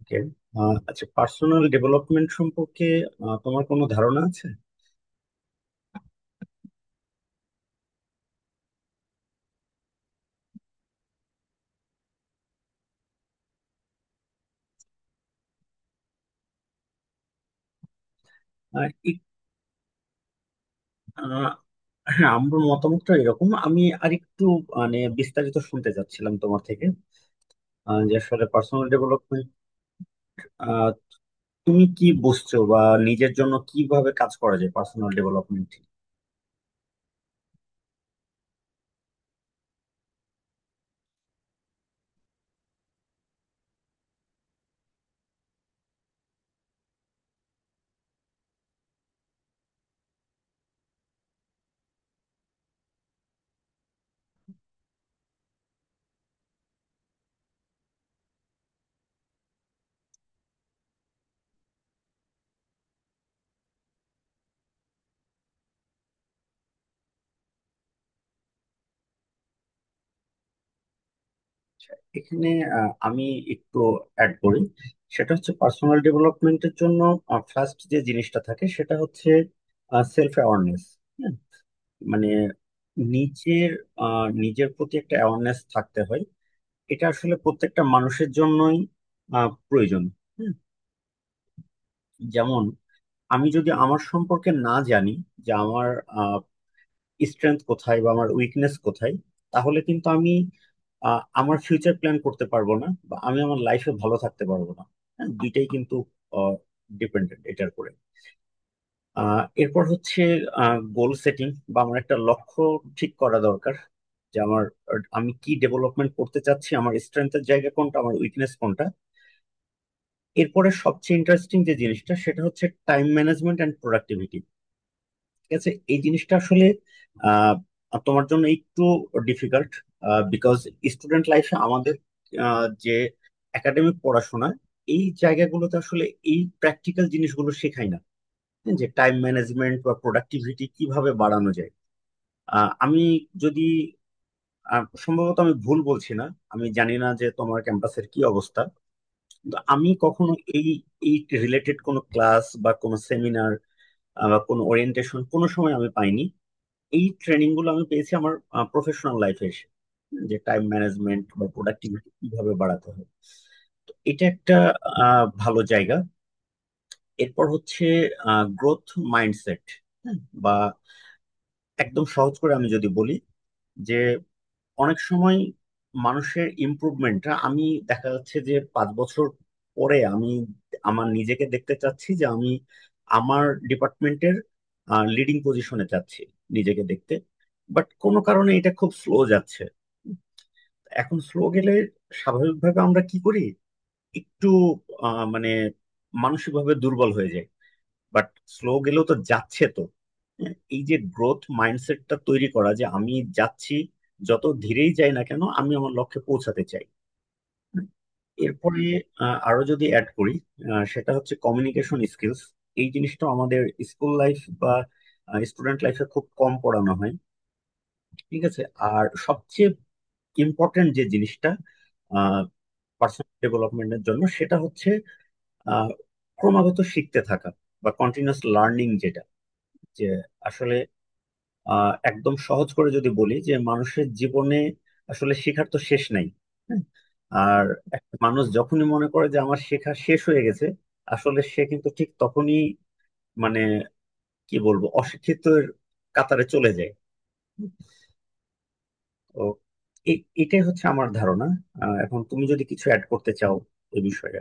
ওকে। আচ্ছা, personal development সম্পর্কে তোমার কোনো ধারণা আছে? আহ, এক- আহ, হ্যাঁ, আমার মতামতটা এরকম, আমি আরেকটু মানে বিস্তারিত শুনতে চাচ্ছিলাম তোমার থেকে, যে আসলে পার্সোনাল ডেভেলপমেন্ট তুমি কি বুঝছো বা নিজের জন্য কিভাবে কাজ করা যায় পার্সোনাল ডেভেলপমেন্ট। এখানে আমি একটু অ্যাড করি। সেটা হচ্ছে পার্সোনাল ডেভেলপমেন্টের জন্য ফার্স্ট যে জিনিসটা থাকে সেটা হচ্ছে সেলফ অ্যাওয়ারনেস। মানে নিজের নিজের প্রতি একটা অ্যাওয়ারনেস থাকতে হয়। এটা আসলে প্রত্যেকটা মানুষের জন্যই প্রয়োজন। হুম, যেমন আমি যদি আমার সম্পর্কে না জানি, যে আমার স্ট্রেংথ কোথায় বা আমার উইকনেস কোথায়, তাহলে কিন্তু আমি আমার ফিউচার প্ল্যান করতে পারবো না বা আমি আমার লাইফে ভালো থাকতে পারবো না। হ্যাঁ, দুইটাই কিন্তু ডিপেন্ডেন্ট এটার উপরে। এরপর হচ্ছে গোল সেটিং বা আমার একটা লক্ষ্য ঠিক করা দরকার, যে আমার আর আমি কি ডেভেলপমেন্ট করতে চাচ্ছি, আমার স্ট্রেংথের জায়গা কোনটা, আমার উইকনেস কোনটা। এরপরে সবচেয়ে ইন্টারেস্টিং যে জিনিসটা সেটা হচ্ছে টাইম ম্যানেজমেন্ট এন্ড প্রোডাক্টিভিটি। ঠিক আছে, এই জিনিসটা আসলে আহ তোমার জন্য একটু ডিফিকাল্ট, বিকজ স্টুডেন্ট লাইফে আমাদের যে একাডেমিক পড়াশোনা, এই জায়গাগুলোতে আসলে এই প্র্যাকটিক্যাল জিনিসগুলো শেখায় না, যে টাইম ম্যানেজমেন্ট বা প্রোডাক্টিভিটি কিভাবে বাড়ানো যায়। আমি যদি সম্ভবত আমি ভুল বলছি না, আমি জানি না যে তোমার ক্যাম্পাসের কি অবস্থা, কিন্তু আমি কখনো এই এই রিলেটেড কোনো ক্লাস বা কোনো সেমিনার বা কোনো ওরিয়েন্টেশন কোনো সময় আমি পাইনি। এই ট্রেনিং গুলো আমি পেয়েছি আমার প্রফেশনাল লাইফে এসে, যে টাইম ম্যানেজমেন্ট বা প্রোডাক্টিভিটি কিভাবে বাড়াতে হয়। তো এটা একটা ভালো জায়গা। এরপর হচ্ছে গ্রোথ মাইন্ডসেট। বা একদম সহজ করে আমি যদি বলি যে অনেক সময় মানুষের ইমপ্রুভমেন্টটা, আমি দেখা যাচ্ছে যে 5 বছর পরে আমি আমার নিজেকে দেখতে চাচ্ছি যে আমি আমার ডিপার্টমেন্টের লিডিং পজিশনে চাচ্ছি নিজেকে দেখতে, বাট কোনো কারণে এটা খুব স্লো যাচ্ছে। এখন স্লো গেলে স্বাভাবিকভাবে আমরা কি করি, একটু মানে মানসিকভাবে দুর্বল হয়ে যাই। বাট স্লো গেলেও তো যাচ্ছে তো। হ্যাঁ, এই যে গ্রোথ মাইন্ডসেটটা তৈরি করা, যে আমি যাচ্ছি, যত ধীরেই যাই না কেন আমি আমার লক্ষ্যে পৌঁছাতে চাই। হ্যাঁ। এরপরে আরো যদি অ্যাড করি, সেটা হচ্ছে কমিউনিকেশন স্কিলস। এই জিনিসটা আমাদের স্কুল লাইফ বা স্টুডেন্ট লাইফে খুব কম পড়ানো হয়। ঠিক আছে। আর সবচেয়ে ইম্পর্টেন্ট যে জিনিসটা পার্সোনাল ডেভেলপমেন্টের জন্য সেটা হচ্ছে আহ, ক্রমাগত শিখতে থাকা বা কন্টিনিউয়াস লার্নিং, যেটা যে আসলে একদম সহজ করে যদি বলি, যে মানুষের জীবনে আসলে শেখার তো শেষ নাই। হ্যাঁ। আর একটা মানুষ যখনই মনে করে যে আমার শেখা শেষ হয়ে গেছে, আসলে সে কিন্তু ঠিক তখনই মানে কি বলবো অশিক্ষিতের কাতারে চলে যায়। তো এটাই হচ্ছে আমার ধারণা। এখন তুমি যদি কিছু অ্যাড করতে চাও এই বিষয়ে।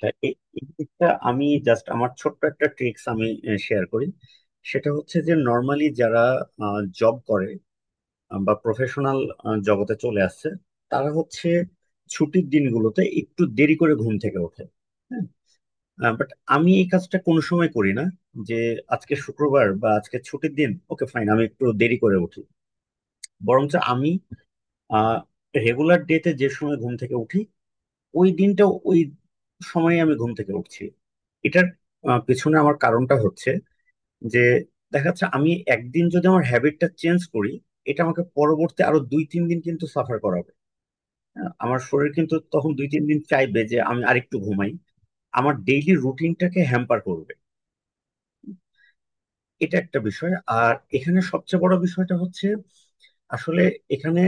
তা এই দিকটা আমি জাস্ট আমার ছোট্ট একটা ট্রিক্স আমি শেয়ার করি। সেটা হচ্ছে যে নর্মালি যারা জব করে বা প্রফেশনাল জগতে চলে আসছে, তারা হচ্ছে ছুটির দিনগুলোতে একটু দেরি করে ঘুম থেকে ওঠে। হ্যাঁ, বাট আমি এই কাজটা কোনো সময় করি না, যে আজকে শুক্রবার বা আজকে ছুটির দিন, ওকে ফাইন, আমি একটু দেরি করে উঠি। বরঞ্চ আমি আহ রেগুলার ডেতে যে সময় ঘুম থেকে উঠি, ওই দিনটা ওই সময়ে আমি ঘুম থেকে উঠছি। এটার পিছনে আমার কারণটা হচ্ছে যে দেখা যাচ্ছে আমি একদিন যদি আমার হ্যাবিটটা চেঞ্জ করি, এটা আমাকে পরবর্তী আরো 2-3 দিন কিন্তু সাফার করা, আমার শরীর কিন্তু তখন 2-3 দিন চাইবে যে আমি আরেকটু ঘুমাই। আমার ডেইলি রুটিনটাকে হ্যাম্পার করবে। এটা একটা বিষয়। আর এখানে সবচেয়ে বড় বিষয়টা হচ্ছে আসলে এখানে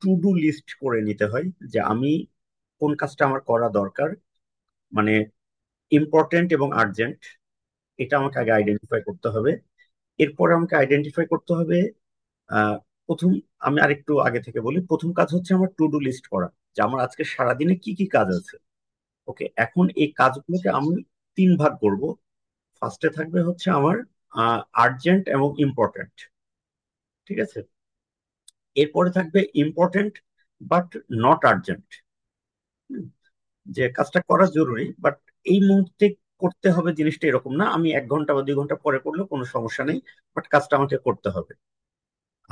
টু ডু লিস্ট করে নিতে হয়, যে আমি কোন কাজটা আমার করা দরকার, মানে ইম্পর্ট্যান্ট এবং আর্জেন্ট, এটা আমাকে আগে আইডেন্টিফাই করতে হবে। এরপর আমাকে আইডেন্টিফাই করতে হবে আহ, প্রথম, আমি আরেকটু আগে থেকে বলি, প্রথম কাজ হচ্ছে আমার টু ডু লিস্ট করা, যে আমার আজকে সারাদিনে কি কি কাজ আছে। ওকে, এখন এই কাজগুলোকে আমি তিন ভাগ করব। ফার্স্টে থাকবে হচ্ছে আমার আর্জেন্ট এবং ইম্পর্ট্যান্ট, ঠিক আছে। এরপরে থাকবে ইম্পর্ট্যান্ট বাট নট আর্জেন্ট, যে কাজটা করা জরুরি বাট এই মুহূর্তে করতে হবে জিনিসটা এরকম না, আমি 1 ঘন্টা বা 2 ঘন্টা পরে করলেও কোনো সমস্যা নেই, বাট কাজটা আমাকে করতে হবে।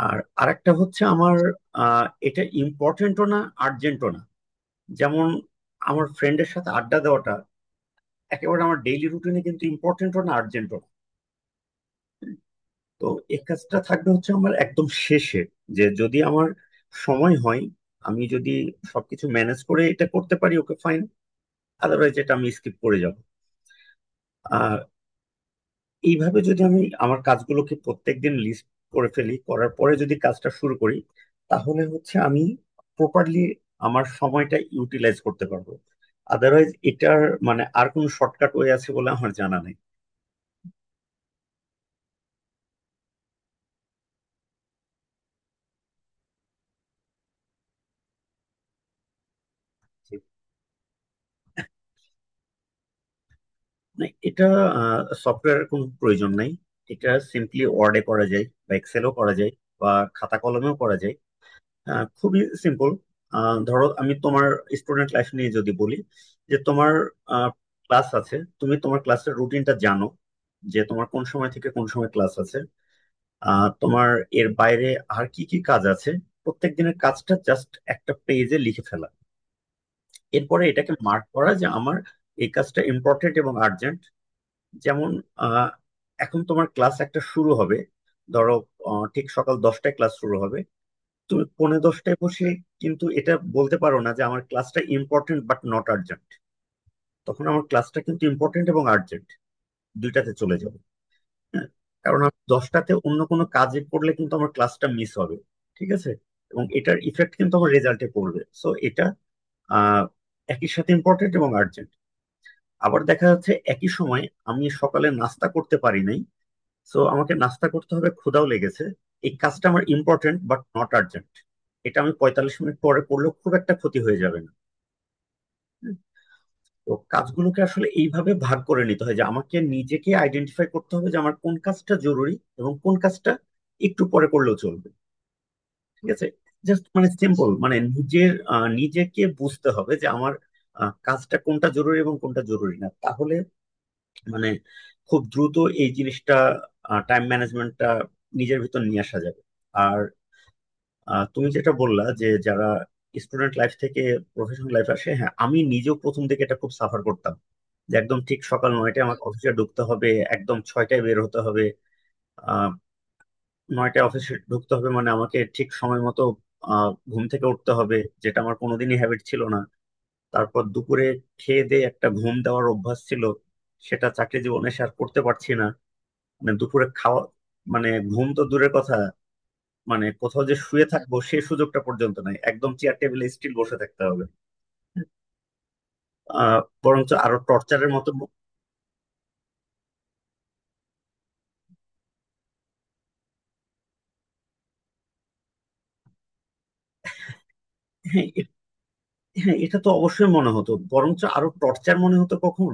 আর আরেকটা হচ্ছে আমার এটা ইম্পর্টেন্টও না আর্জেন্টও না, যেমন আমার ফ্রেন্ডের সাথে আড্ডা দেওয়াটা একেবারে আমার ডেইলি রুটিনে কিন্তু ইম্পর্টেন্টও না আর্জেন্টও। তো এই কাজটা থাকবে হচ্ছে আমার একদম শেষে, যে যদি আমার সময় হয়, আমি যদি সবকিছু ম্যানেজ করে এটা করতে পারি ওকে ফাইন, আদারওয়াইজ এটা আমি স্কিপ করে যাব। আর এইভাবে যদি আমি আমার কাজগুলোকে প্রত্যেকদিন লিস্ট করে ফেলি, করার পরে যদি কাজটা শুরু করি, তাহলে হচ্ছে আমি প্রপারলি আমার সময়টা ইউটিলাইজ করতে পারবো। আদারওয়াইজ এটার মানে আর কোনো শর্টকাট ওয়ে আছে বলে আমার জানা নেই। না, এটা সফটওয়্যারের কোনো প্রয়োজন নাই। এটা সিম্পলি ওয়ার্ডে করা যায় বা এক্সেলও করা যায় বা খাতা কলমেও করা যায়। খুবই সিম্পল। ধরো আমি তোমার স্টুডেন্ট লাইফ নিয়ে যদি বলি, যে তোমার ক্লাস আছে, তুমি তোমার ক্লাসের রুটিনটা জানো, যে তোমার কোন সময় থেকে কোন সময় ক্লাস আছে। তোমার এর বাইরে আর কি কি কাজ আছে, প্রত্যেক দিনের কাজটা জাস্ট একটা পেজে লিখে ফেলা। এরপরে এটাকে মার্ক করা যে আমার এই কাজটা ইম্পর্টেন্ট এবং আর্জেন্ট। যেমন আহ, এখন তোমার ক্লাস একটা শুরু হবে, ধরো ঠিক সকাল 10টায় ক্লাস শুরু হবে, তুমি পৌনে 10টায় বসে কিন্তু এটা বলতে পারো না যে আমার ক্লাসটা ইম্পর্টেন্ট বাট নট আর্জেন্ট। তখন আমার ক্লাসটা কিন্তু ইম্পর্টেন্ট এবং আর্জেন্ট দুইটাতে চলে যাবে। হ্যাঁ। কারণ আমি 10টাতে অন্য কোনো কাজে পড়লে কিন্তু আমার ক্লাসটা মিস হবে, ঠিক আছে। এবং এটার ইফেক্ট কিন্তু আমার রেজাল্টে পড়বে, সো এটা আহ, একই সাথে ইম্পর্টেন্ট এবং আর্জেন্ট। আবার দেখা যাচ্ছে একই সময় আমি সকালে নাস্তা করতে পারি নাই, সো আমাকে নাস্তা করতে হবে, ক্ষুধাও লেগেছে। এই কাজটা আমার ইম্পর্টেন্ট বাট নট আর্জেন্ট। এটা আমি 45 মিনিট পরে করলেও খুব একটা ক্ষতি হয়ে যাবে না। হুম। তো কাজগুলোকে আসলে এইভাবে ভাগ করে নিতে হয়, যে আমাকে নিজেকে আইডেন্টিফাই করতে হবে যে আমার কোন কাজটা জরুরি এবং কোন কাজটা একটু পরে করলেও চলবে, ঠিক আছে। জাস্ট মানে সিম্পল, মানে নিজের নিজেকে বুঝতে হবে যে আমার কাজটা কোনটা জরুরি এবং কোনটা জরুরি না, তাহলে মানে খুব দ্রুত এই জিনিসটা টাইম ম্যানেজমেন্টটা নিজের ভিতর নিয়ে আসা যাবে। আর তুমি যেটা বললা যে যারা স্টুডেন্ট লাইফ থেকে প্রফেশনাল লাইফ আসে, হ্যাঁ আমি নিজেও প্রথম থেকে এটা খুব সাফার করতাম, যে একদম ঠিক সকাল 9টায় আমাকে অফিসে ঢুকতে হবে, একদম 6টায় বের হতে হবে, আহ 9টায় অফিসে ঢুকতে হবে মানে আমাকে ঠিক সময় মতো ঘুম থেকে উঠতে হবে, যেটা আমার কোনোদিনই হ্যাবিট ছিল না। তারপর দুপুরে খেয়ে দিয়ে একটা ঘুম দেওয়ার অভ্যাস ছিল, সেটা চাকরি জীবনে সে আর করতে পারছি না। মানে দুপুরে খাওয়া মানে ঘুম তো দূরের কথা, মানে কোথাও যে শুয়ে থাকবো সেই সুযোগটা পর্যন্ত নাই, একদম চেয়ার টেবিলে স্টিল বসে থাকতে হবে। বরঞ্চ আরো টর্চারের মতো হ্যাঁ, হ্যাঁ, এটা তো অবশ্যই মনে হতো, বরঞ্চ আরো টর্চার মনে হতো কখন,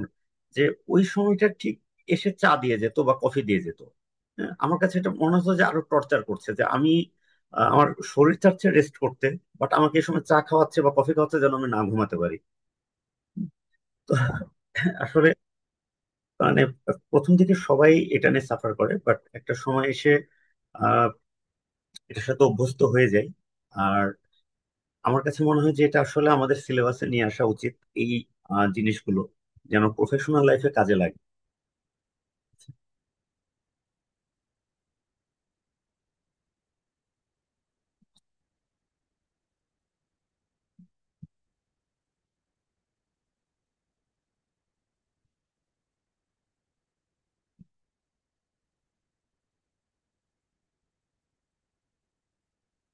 যে ওই সময়টা ঠিক এসে চা দিয়ে যেত বা কফি দিয়ে যেত। হ্যাঁ, আমার কাছে এটা মনে হতো যে আরো টর্চার করছে, যে আমি আমার শরীর চাচ্ছে রেস্ট করতে, বাট আমাকে এই সময় চা খাওয়াচ্ছে বা কফি খাওয়াচ্ছে যেন আমি না ঘুমাতে পারি। তো আসলে মানে প্রথম দিকে সবাই এটা নিয়ে সাফার করে, বাট একটা সময় এসে আহ এটার সাথে অভ্যস্ত হয়ে যায়। আর আমার কাছে মনে হয় যে এটা আসলে আমাদের সিলেবাসে নিয়ে আসা উচিত, এই জিনিসগুলো যেন প্রফেশনাল লাইফে কাজে লাগে।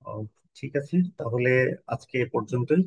আহ, ঠিক আছে, তাহলে আজকে এ পর্যন্তই।